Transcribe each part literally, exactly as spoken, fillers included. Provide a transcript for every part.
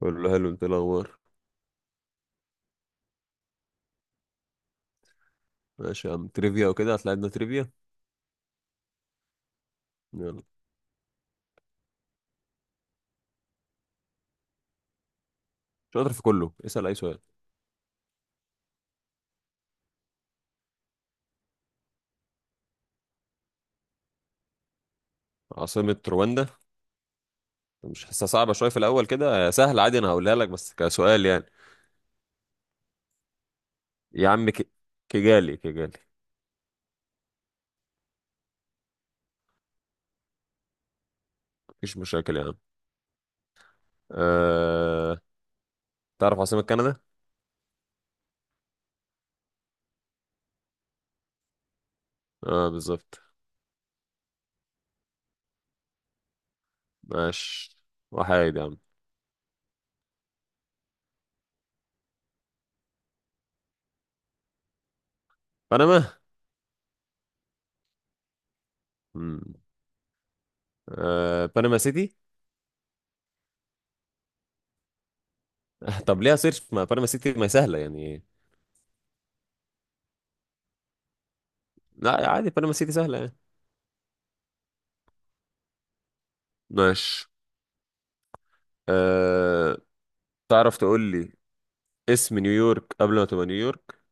بقول له حلو. انت إيه الاخبار؟ ماشي يا عم، تريفيا وكده هتلاقينا تريفيا. يلا. شاطر في كله، اسال اي سؤال. عاصمة رواندا؟ مش حاسسها صعبة، شوية في الأول كده سهل عادي، أنا هقولها لك بس كسؤال يعني. يا عم ك... كيجالي كيجالي. مفيش مشاكل يا عم. أه... تعرف عاصمة كندا؟ اه، بالظبط. ماشي، وحيد يا عم. بنما؟ مم. أه... بنما سيتي. آه، طب ليها سيرش، ما بنما سيتي ما سهلة يعني. لا عادي، بنما سيتي سهلة يعني. ماشي. أه... تعرف تقول لي اسم نيويورك قبل ما تبقى نيويورك؟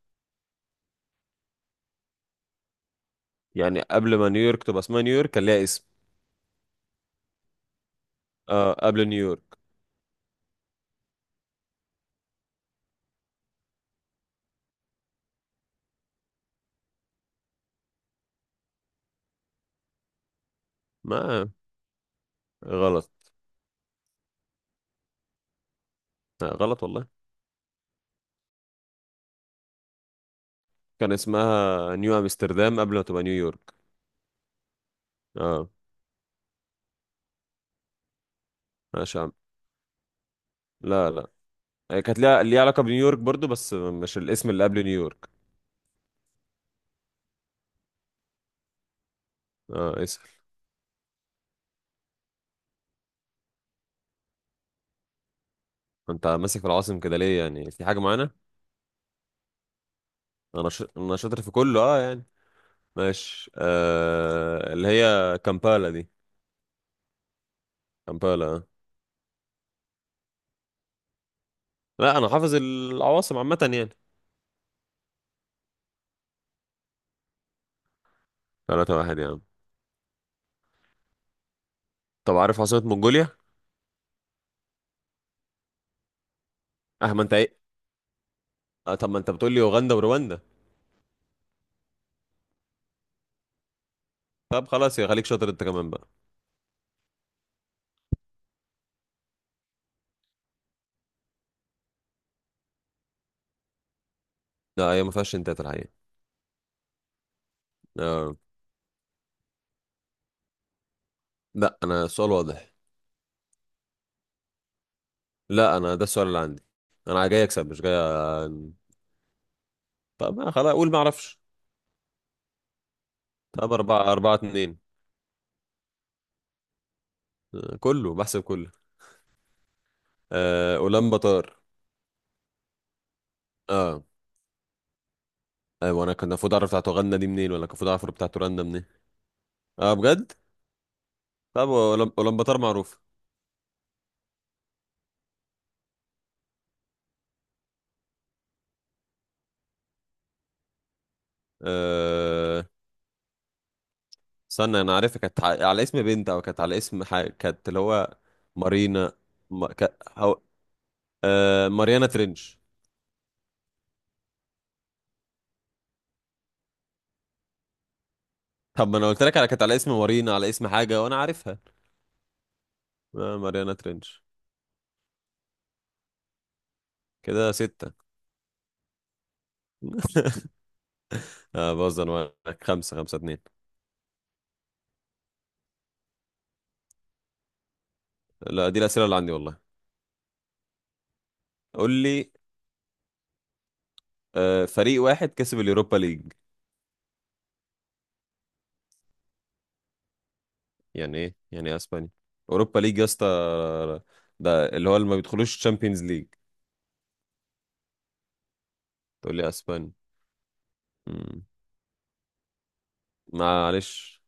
يعني قبل ما نيويورك تبقى اسمها نيويورك كان ليها اسم. اه، قبل نيويورك. ما غلط. آه غلط والله. كان اسمها نيو امستردام قبل ما تبقى نيويورك. اه. ماشي يا عم. لا، لا. هي كانت ليها ليها علاقة بنيويورك برضو، بس مش الاسم اللي قبل نيويورك. اه، اسأل. انت ماسك في العواصم كده ليه؟ يعني في حاجة معانا؟ انا ش... انا شاطر في كله اه يعني. ماشي. آه اللي هي كامبالا دي. كامبالا آه. لا، انا حافظ العواصم عامة يعني. ثلاثة واحد يعني. طب عارف عاصمة منغوليا؟ اه، ما انت ايه. اه، طب ما انت بتقول لي اوغندا ورواندا. طب خلاص يا، خليك شاطر انت كمان بقى. لا، هي ما فيهاش انتات الحقيقة. آه. لا، انا السؤال واضح. لا، انا ده السؤال اللي عندي. انا جاي اكسب مش جاي. أ- طب ما، خلاص اقول ما اعرفش. طب أربعة، أربعة اتنين. آه. كله بحسب كله. آه. أولانباتار. اه ايوه، انا كان المفروض اعرف بتاعت اوغندا دي منين؟ ولا كان المفروض اعرف بتاعت رواندا منين؟ اه، بجد. طب أولان- أولانباتار معروف. آه استنى، انا عارفها كانت ع- على اسم بنت او كانت على اسم حاجه كانت اللي هو. مارينا. ما... ك... هو... آه... ماريانا ترينش. طب ما انا قلت لك على كانت على اسم مارينا، على اسم حاجه، وانا عارفها. آه ماريانا ترينش. كده ستة. آه بهزر معاك. خمسة، خمسة اتنين. لا، دي الأسئلة اللي عندي والله. قول لي. آه فريق واحد كسب اليوروبا ليج. يعني ايه يعني ايه اسبانيا؟ اوروبا ليج يا اسطى. ده اللي هو اللي ما بيدخلوش تشامبيونز ليج. تقول لي اسبانيا. مم. معلش.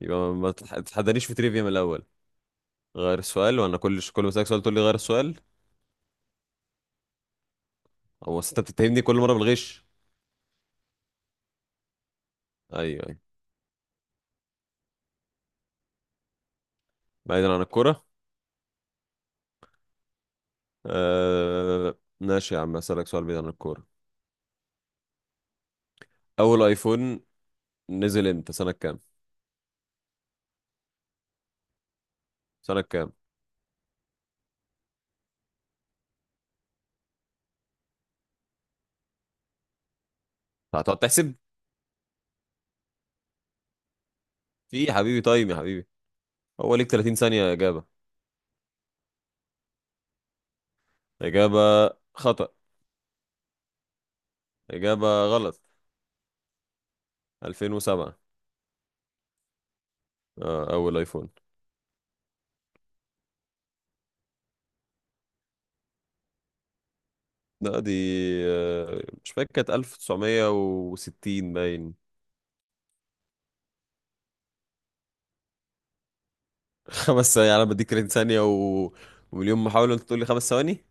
يبقى ما تح- تحدانيش في تريفيا من الاول. غير السؤال، وانا كل ش... كل ما اسالك سؤال تقول لي غير السؤال. او أصل انت بتتهمني كل مره بالغش. ايوه، ايوه. بعيدا عن الكوره. آه... ماشي يا عم، اسالك سؤال بعيد عن الكوره. اول ايفون نزل امتى؟ سنه كام؟ سنه كام؟ هتقعد تحسب؟ في إيه يا حبيبي؟ تايم يا حبيبي؟ هو ليك تلاتين ثانية ثانيه اجابه. اجابه خطا. اجابه غلط. ألفين وسبعة. آه... اول ايفون. لا دي. آه، مش فاكر، كانت ألف تسعمية وستين باين. خمس ثواني؟ يعني أنا بديك 30 ثانية و... ومليون محاولة أنت تقول لي خمس ثواني؟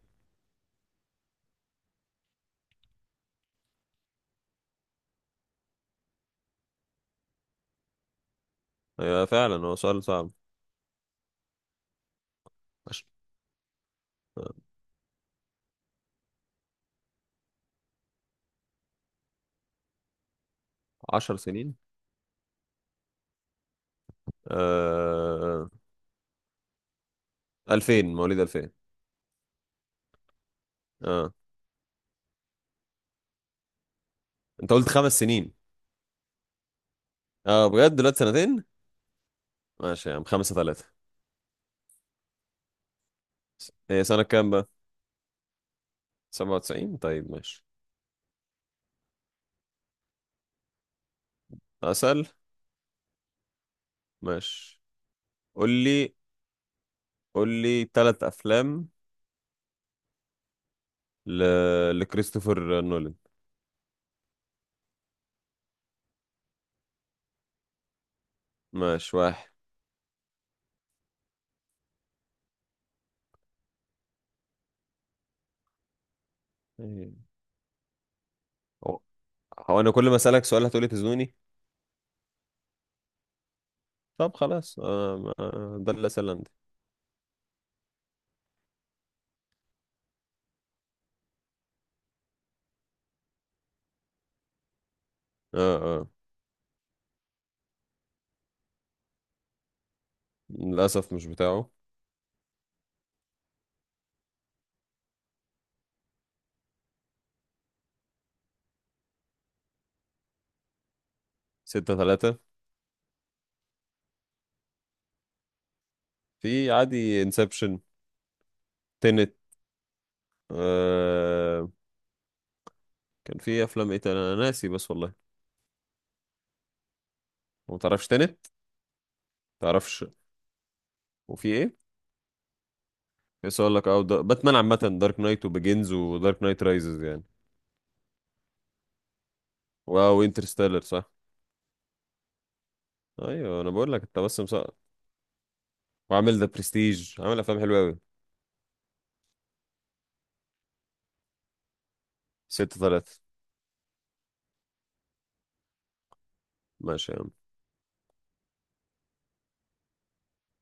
أيوة فعلا، هو سؤال صعب. عش... آه، عشر سنين. آه... ألفين. مواليد ألفين. اه، أنت قلت خمس سنين. اه بجد، دلوقتي سنتين؟ ماشي يا عم. خمسة ثلاثة. هي سنة كام بقى؟ سبعة وتسعين؟ طيب ماشي. أسأل. ماشي، قول لي. قول لي ثلاث أفلام ل... لكريستوفر نولان. ماشي، واحد. أيوة. هو هو أنا كل ما أسألك سؤال هتقولي تزنوني؟ طب خلاص. آه آه، ده اللي سألندي. آه آه للأسف مش بتاعه. ستة ثلاثة. في عادي انسبشن. تنت. آه كان في أفلام إيه تاني؟ أنا ناسي بس والله. ما تعرفش تنت. تعرفش. وفي إيه؟ بس أقول لك أه دا- باتمان عامة، دارك نايت وبيجينز ودارك نايت رايزز يعني. واو، انترستيلر صح. أيوه، أنا بقول لك أنت بس مسقط. وعامل ذا برستيج، عامل أفلام حلوة أوي. ستة ثلاثة. ماشي يا عم.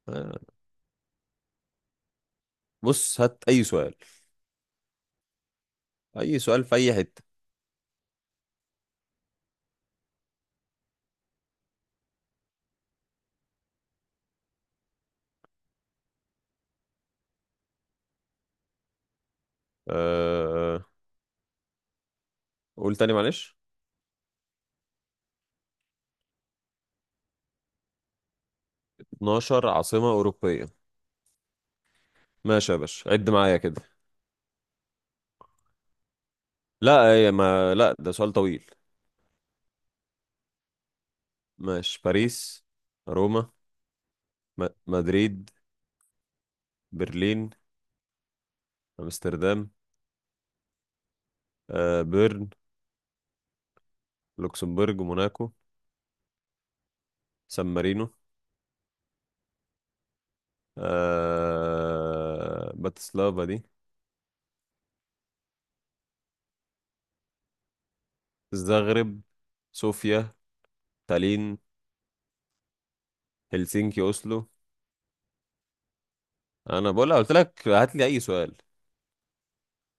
آه. بص هات أي سؤال. أي سؤال في أي حتة. آه. آه. قول تاني معلش. 12 عاصمة أوروبية. ماشي يا باشا، عد معايا كده. لا، هي ما، لا ده سؤال طويل. ماشي. باريس. روما. م... مدريد. برلين. أمستردام. آه بيرن. لوكسمبورغ، موناكو. سان مارينو. آه باتسلافا دي. الزغرب. صوفيا. تالين. هلسنكي، أوسلو. أنا بقول، قلت لك هات لي أي سؤال.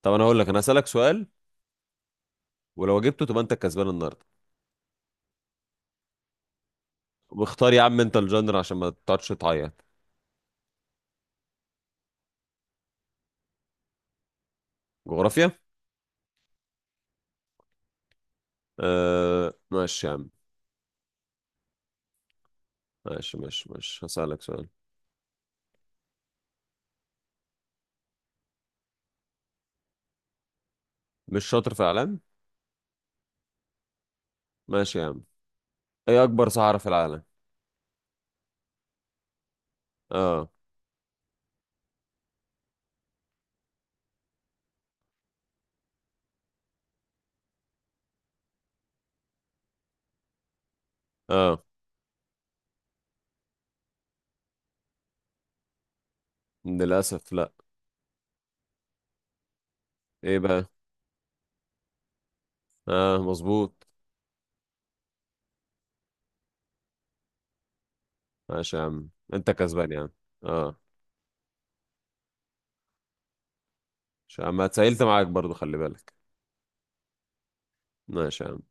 طب أنا هقول لك، أنا هسألك سؤال. ولو جبته تبقى أنت الكسبان النهاردة. واختار يا عم انت الجندر، عشان ما تقعدش تعيط. جغرافيا. آه ماشي يا عم. ماشي، ماشي، ماشي، هسألك سؤال. مش شاطر في اعلام. ماشي يا عم. ايه اكبر صحراء في العالم؟ اه. اه للاسف، لا. ايه بقى؟ اه، مظبوط. ماشي يا عم، انت كسبان يا عم. اه. ماشي يا عم، اتسألت معاك برضو، خلي بالك. ماشي يا عم.